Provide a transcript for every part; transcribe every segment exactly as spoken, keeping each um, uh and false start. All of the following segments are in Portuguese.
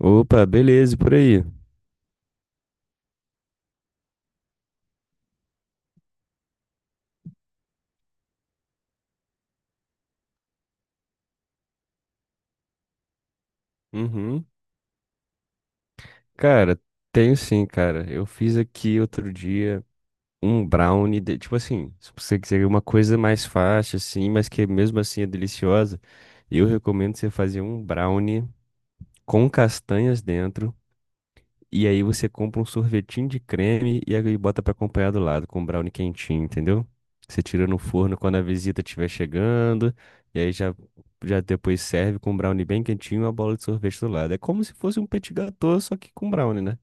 Opa, beleza, e por aí? Uhum. Cara, tenho sim, cara. Eu fiz aqui outro dia um brownie, de- tipo assim, se você quiser uma coisa mais fácil, assim, mas que mesmo assim é deliciosa, eu recomendo você fazer um brownie com castanhas dentro. E aí você compra um sorvetinho de creme e aí bota pra acompanhar do lado com um brownie quentinho, entendeu? Você tira no forno quando a visita estiver chegando, e aí já, já depois serve com um brownie bem quentinho e uma bola de sorvete do lado. É como se fosse um petit gâteau, só que com brownie, né?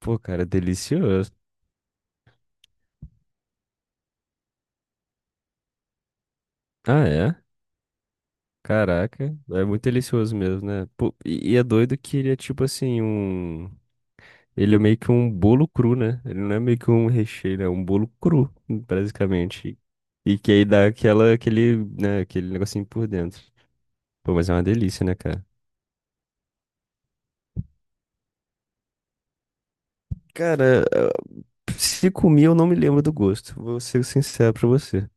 Pô, cara, é delicioso. Ah, é? Caraca, é muito delicioso mesmo, né? Pô, e e é doido que ele é tipo assim, um. Ele é meio que um bolo cru, né? Ele não é meio que um recheio, ele é um bolo cru, basicamente. E que aí dá aquela, aquele, né, aquele negocinho por dentro. Pô, mas é uma delícia, né, cara? Cara, se comi, eu não me lembro do gosto. Vou ser sincero pra você.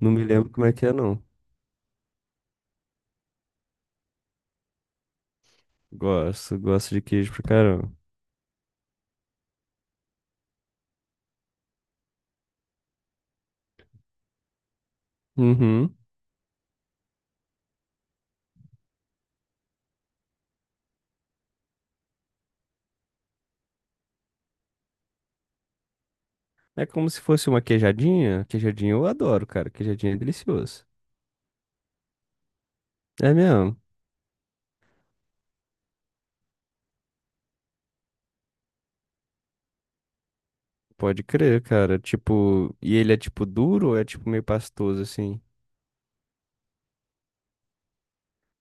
Não me lembro como é que é, não. Gosto, gosto de queijo pra caramba. Uhum. É como se fosse uma queijadinha. Queijadinha eu adoro, cara. Queijadinha é delicioso. É mesmo? Pode crer, cara. Tipo, e ele é tipo duro ou é tipo meio pastoso assim?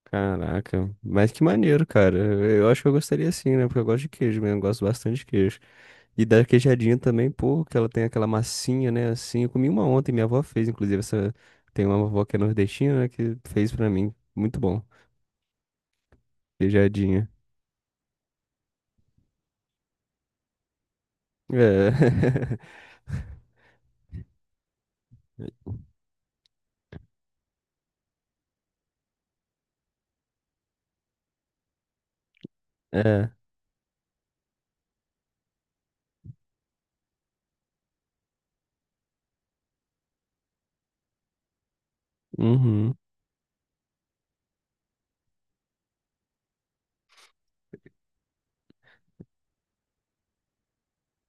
Caraca, mas que maneiro, cara. Eu acho que eu gostaria sim, né? Porque eu gosto de queijo mesmo, eu gosto bastante de queijo. E da queijadinha também, pô, que ela tem aquela massinha, né? Assim, eu comi uma ontem, minha avó fez, inclusive, essa. Tem uma avó que é nordestina, né? Que fez pra mim. Muito bom. Queijadinha. É. É. Uhum.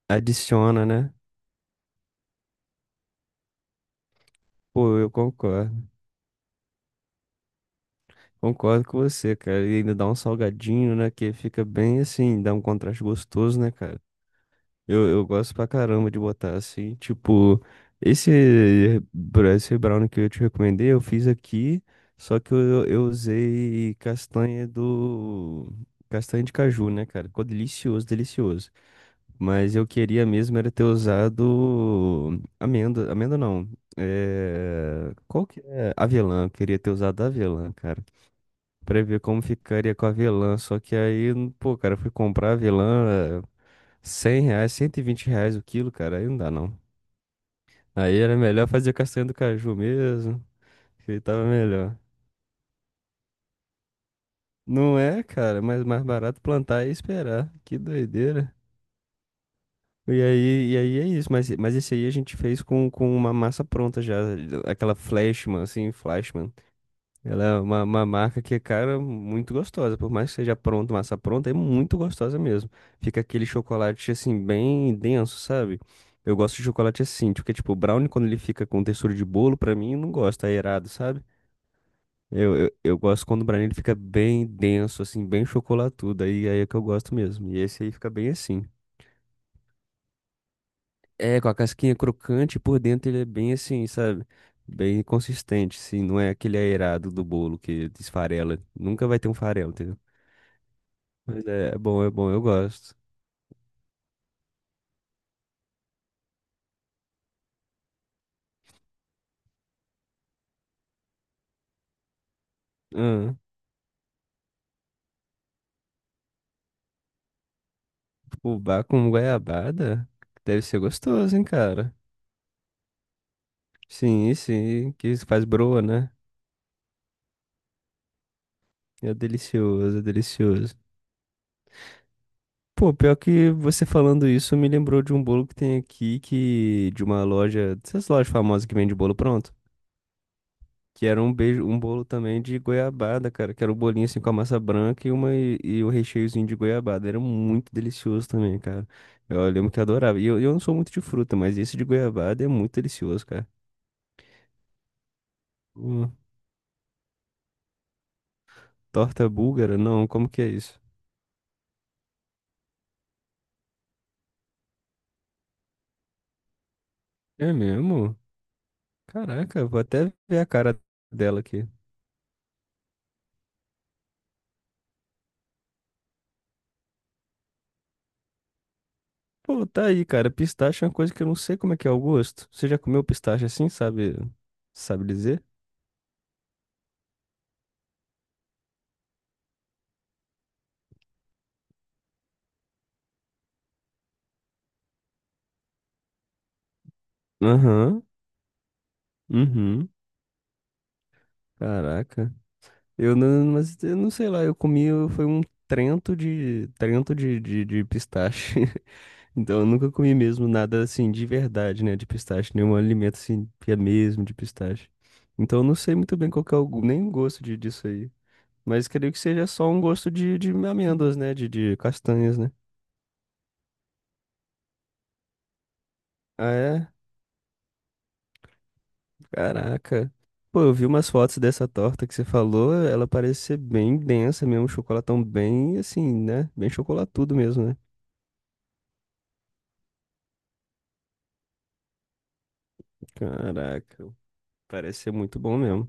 Adiciona, né? Pô, eu concordo. Concordo com você, cara. E ainda dá um salgadinho, né? Que fica bem assim, dá um contraste gostoso, né, cara? Eu, eu gosto pra caramba de botar assim, tipo, esse, bra- esse brownie que eu te recomendei, eu fiz aqui, só que eu, eu usei castanha do. Castanha de caju, né, cara? Ficou delicioso, delicioso. Mas eu queria mesmo era ter usado amêndoa, amêndoa não. É... Qual que é? Avelã, eu queria ter usado avelã, cara. Pra ver como ficaria com avelã. Só que aí, pô, cara, eu fui comprar avelã cem reais, cento e vinte reais o quilo, cara, aí não dá não. Aí era melhor fazer castanha do caju mesmo, que aí tava melhor. Não é, cara, mas mais barato plantar e esperar. Que doideira. E aí, e aí é isso, mas, mas esse aí a gente fez com, com uma massa pronta já, aquela Flashman, assim, Flashman. Ela é uma, uma marca que, cara, muito gostosa. Por mais que seja pronta, massa pronta, é muito gostosa mesmo. Fica aquele chocolate, assim, bem denso, sabe? Eu gosto de chocolate assim, porque, tipo, o brownie, quando ele fica com textura de bolo, pra mim, não gosta, é errado, sabe? Eu, eu, eu gosto quando o brownie ele fica bem denso, assim, bem chocolatudo. Aí, aí é que eu gosto mesmo. E esse aí fica bem assim. É, com a casquinha crocante, por dentro ele é bem assim, sabe? Bem consistente, assim, não é aquele aerado do bolo que desfarela. Nunca vai ter um farelo, entendeu? Mas é, é bom, é bom, eu gosto. Ah, fubá com goiabada? Deve ser gostoso, hein, cara? Sim, sim, que isso faz broa, né? É delicioso, é delicioso. Pô, pior que você falando isso me lembrou de um bolo que tem aqui, que de uma loja, dessas lojas famosas que vende bolo pronto. Que era um beijo, um bolo também de goiabada, cara. Que era o bolinho assim com a massa branca e uma e, e o recheiozinho de goiabada. Era muito delicioso também, cara. Eu lembro que eu adorava. E eu, eu não sou muito de fruta, mas esse de goiabada é muito delicioso, cara. Hum, torta búlgara? Não, como que é isso? É mesmo? Caraca, vou até ver a cara dela aqui. Pô, tá aí, cara. Pistache é uma coisa que eu não sei como é que é o gosto. Você já comeu pistache assim, sabe? Sabe dizer? Aham. Uhum. Caraca. Eu não, mas eu não sei lá, eu comi, eu- foi um trento de, trento de, de, de pistache. Então eu nunca comi mesmo nada assim de verdade, né, de pistache, nenhum alimento assim que é mesmo de pistache. Então eu não sei muito bem qual que é o, gu- nem o gosto de, disso aí. Mas creio que seja só um gosto de, de amêndoas, né, de, de castanhas, né? Ah, é? Caraca. Pô, eu vi umas fotos dessa torta que você falou, ela parece ser bem densa mesmo, um chocolatão bem assim, né? Bem chocolatudo mesmo, né? Caraca. Parece ser muito bom mesmo.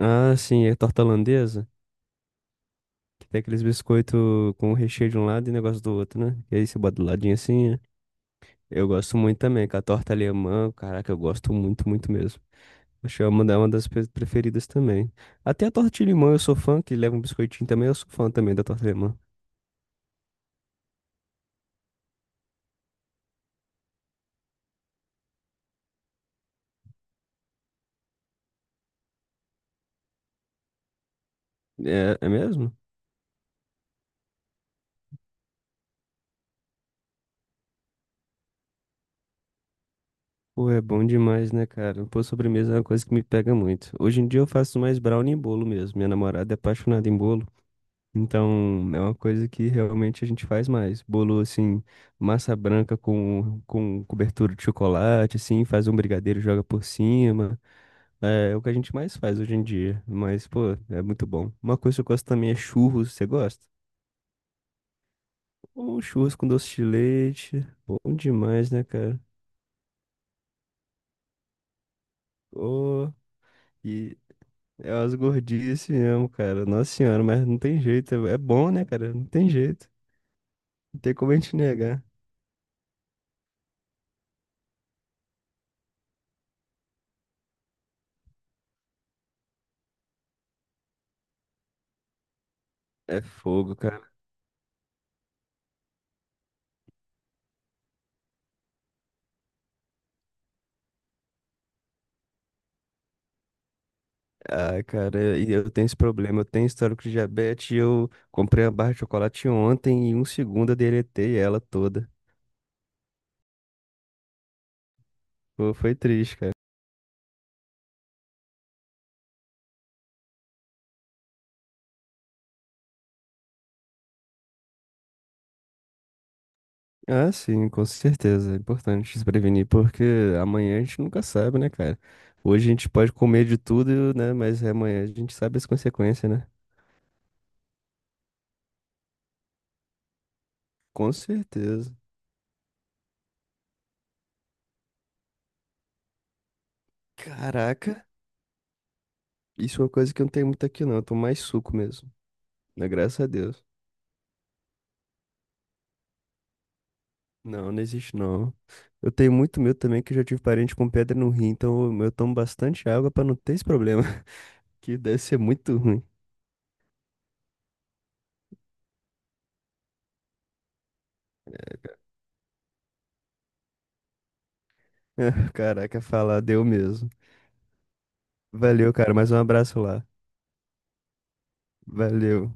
Ah, sim, é torta holandesa. Que tem aqueles biscoitos com o recheio de um lado e negócio do outro, né? E aí você bota do ladinho assim, né? Eu gosto muito também, com a torta alemã. Caraca, eu gosto muito, muito mesmo. Acho que é uma da- uma das pre- preferidas também. Até a torta de limão eu sou fã, que leva um biscoitinho também, eu sou fã também da torta alemã. É, é mesmo? Pô, é bom demais, né, cara? Pô, sobremesa é uma coisa que me pega muito. Hoje em dia eu faço mais brownie e bolo mesmo. Minha namorada é apaixonada em bolo. Então, é uma coisa que realmente a gente faz mais. Bolo, assim, massa branca com, com cobertura de chocolate, assim, faz um brigadeiro, e joga por cima. É, é o que a gente mais faz hoje em dia. Mas, pô, é muito bom. Uma coisa que eu gosto também é churros. Você gosta? Um churros com doce de leite. Bom demais, né, cara? Ô, e é umas gordices mesmo, cara. Nossa senhora, mas não tem jeito. É é bom, né, cara? Não tem jeito. Não tem como a gente negar. É fogo, cara. Ah, cara, e eu tenho esse problema. Eu tenho histórico de diabetes. E eu comprei a barra de chocolate ontem e em um segundo eu deletei ela toda. Pô, foi triste, cara. Ah, sim, com certeza. É importante se prevenir, porque amanhã a gente nunca sabe, né, cara? Hoje a gente pode comer de tudo, né? Mas amanhã a gente sabe as consequências, né? Com certeza. Caraca, isso é uma coisa que eu não tenho muito aqui, não. Eu tomo mais suco mesmo, né? Graças a Deus. Não, não existe não. Eu tenho muito medo também que eu já tive parente com pedra no rim, então eu eu tomo bastante água pra não ter esse problema, que deve ser muito ruim. Caraca, falar deu mesmo. Valeu, cara, mais um abraço lá. Valeu.